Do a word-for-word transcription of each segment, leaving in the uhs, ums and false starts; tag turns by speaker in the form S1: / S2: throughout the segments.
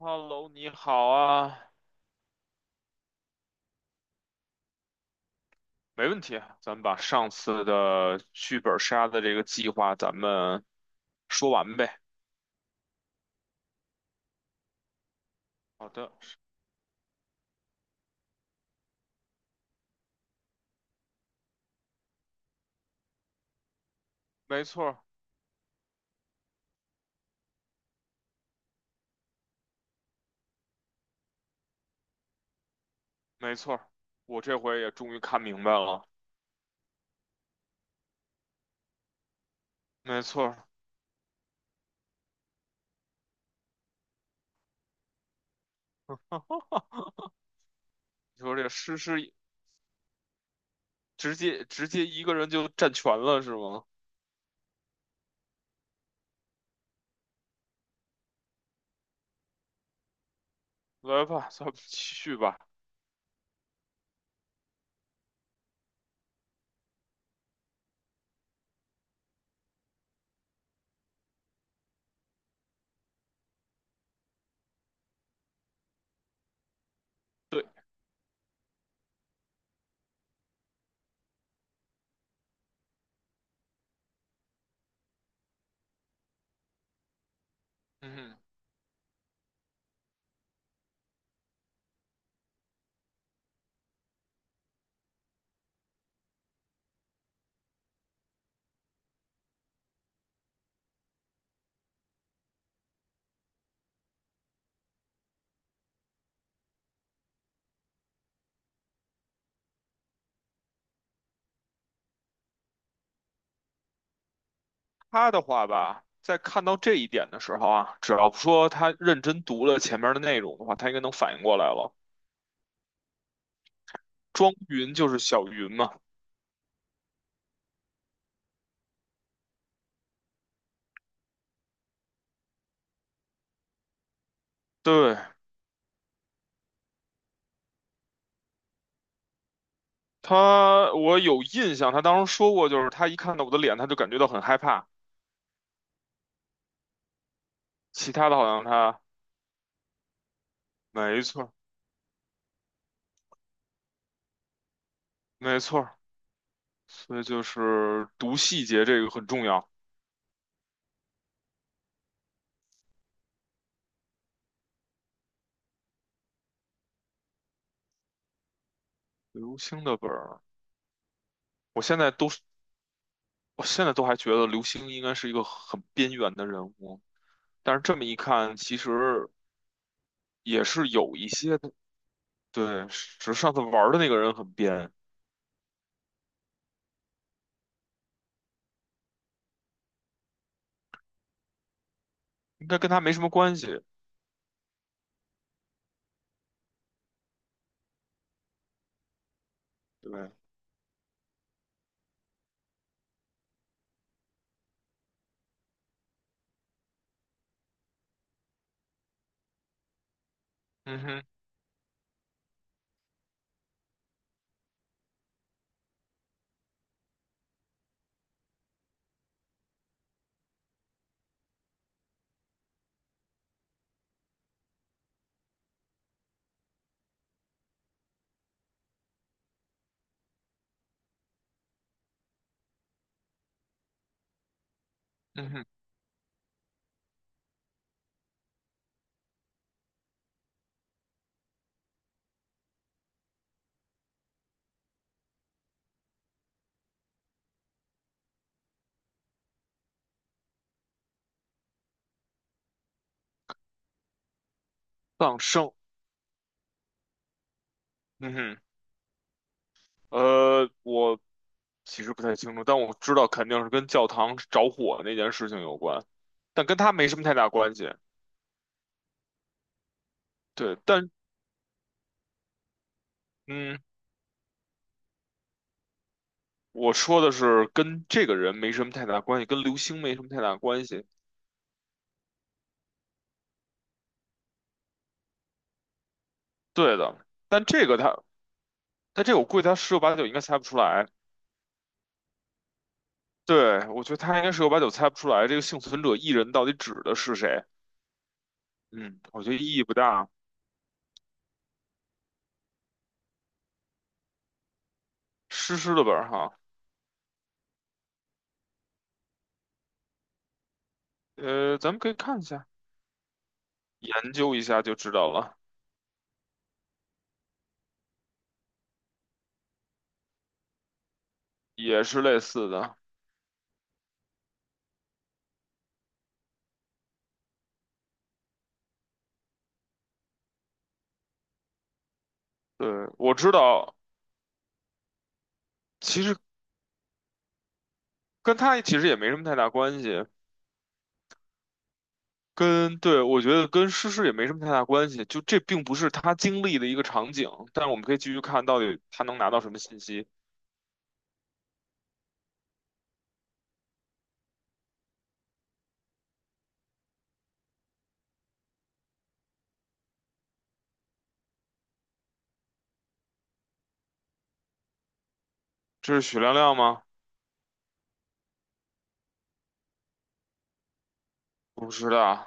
S1: Hello，你好啊，没问题啊咱们把上次的剧本杀的这个计划咱们说完呗。好的，没错儿没错儿我这回也终于看明白了，没错儿。你说这诗诗直接直接一个人就占全了是吗？来吧，咱们继续吧。对，嗯，他的话吧，在看到这一点的时候啊，只要说他认真读了前面的内容的话，他应该能反应过来了。庄云就是小云嘛。对，他，我有印象，他当时说过，就是他一看到我的脸，他就感觉到很害怕。其他的好像他，没错儿没错儿所以就是读细节这个很重要。刘星的本儿，我现在都是，我现在都还觉得刘星应该是一个很边缘的人物，但是这么一看，其实也是有一些的。对，只是上次玩儿的那个人很边，应该跟他没什么关系。对，嗯哼，嗯哼，丧生。嗯哼，呃，我其实不太清楚，但我知道肯定是跟教堂着火那件事情有关，但跟他没什么太大关系。对，但嗯，我说的是跟这个人没什么太大关系，跟流星没什么太大关系。对的，但这个他，但这个我估计他十有八九应该猜不出来。对，我觉得他应该十有八九猜不出来这个幸存者 E 人到底指的是谁。嗯，我觉得意义不大，湿湿的本儿哈。呃，咱们可以看一下，研究一下就知道了。也是类似的。对，我知道，其实跟他其实也没什么太大关系，跟，对，我觉得跟诗诗也没什么太大关系，就这并不是他经历的一个场景，但是我们可以继续看到底他能拿到什么信息。这是许亮亮吗？不是的，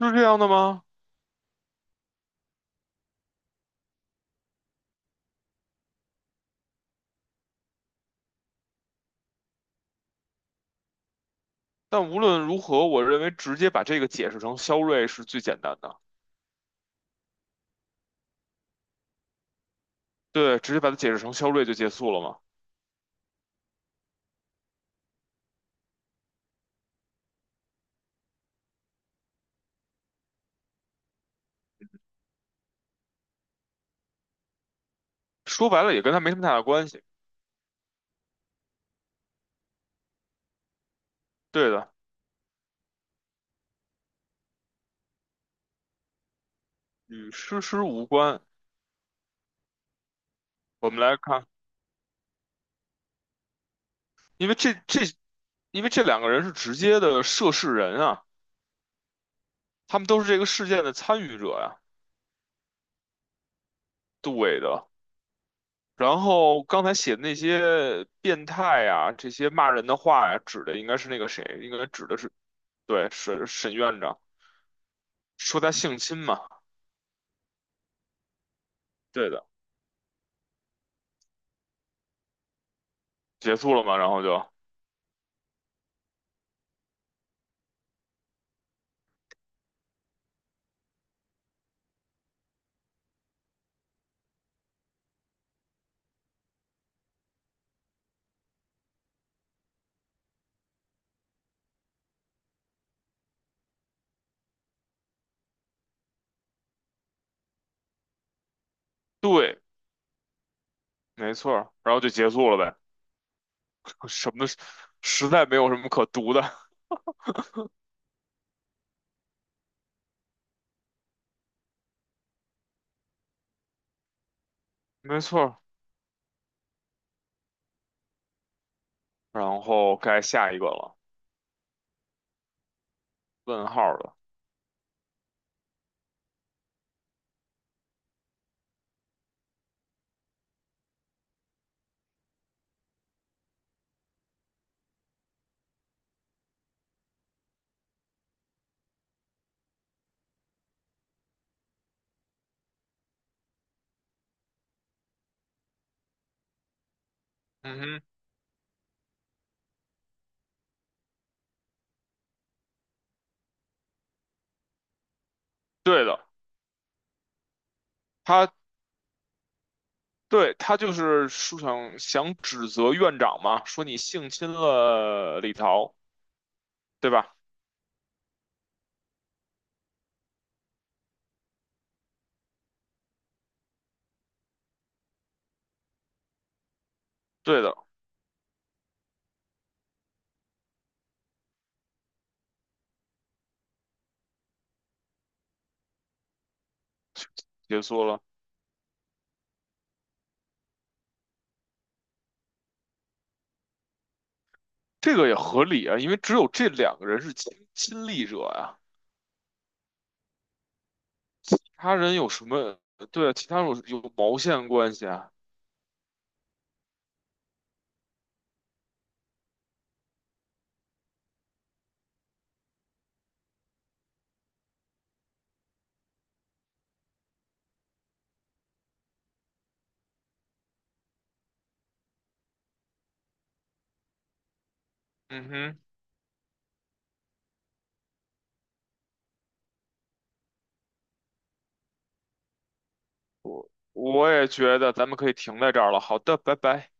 S1: 是这样的吗？但无论如何，我认为直接把这个解释成肖瑞是最简单的。对，直接把它解释成肖瑞就结束了嘛。说白了也跟他没什么太大关系。对的，与诗诗无关。我们来看。因为这这，因为这两个人是直接的涉事人啊，他们都是这个事件的参与者呀、对的。然后刚才写的那些变态呀、这些骂人的话呀、指的应该是那个谁，应该指的是对沈沈院长说他性侵嘛，对的，结束了嘛，然后就对，没错儿，然后就结束了呗，什么实在没有什么可读的，没错儿。然后该下一个了，问号了，嗯哼，对的。他。对，他就是说想想指责院长嘛，说你性侵了李桃，对吧？对的，结束了，这个也合理啊，因为只有这两个人是亲亲历者呀、他人有什么？对啊，其他人有有毛线关系啊？嗯哼，我也觉得咱们可以停在这儿了。好的，拜拜。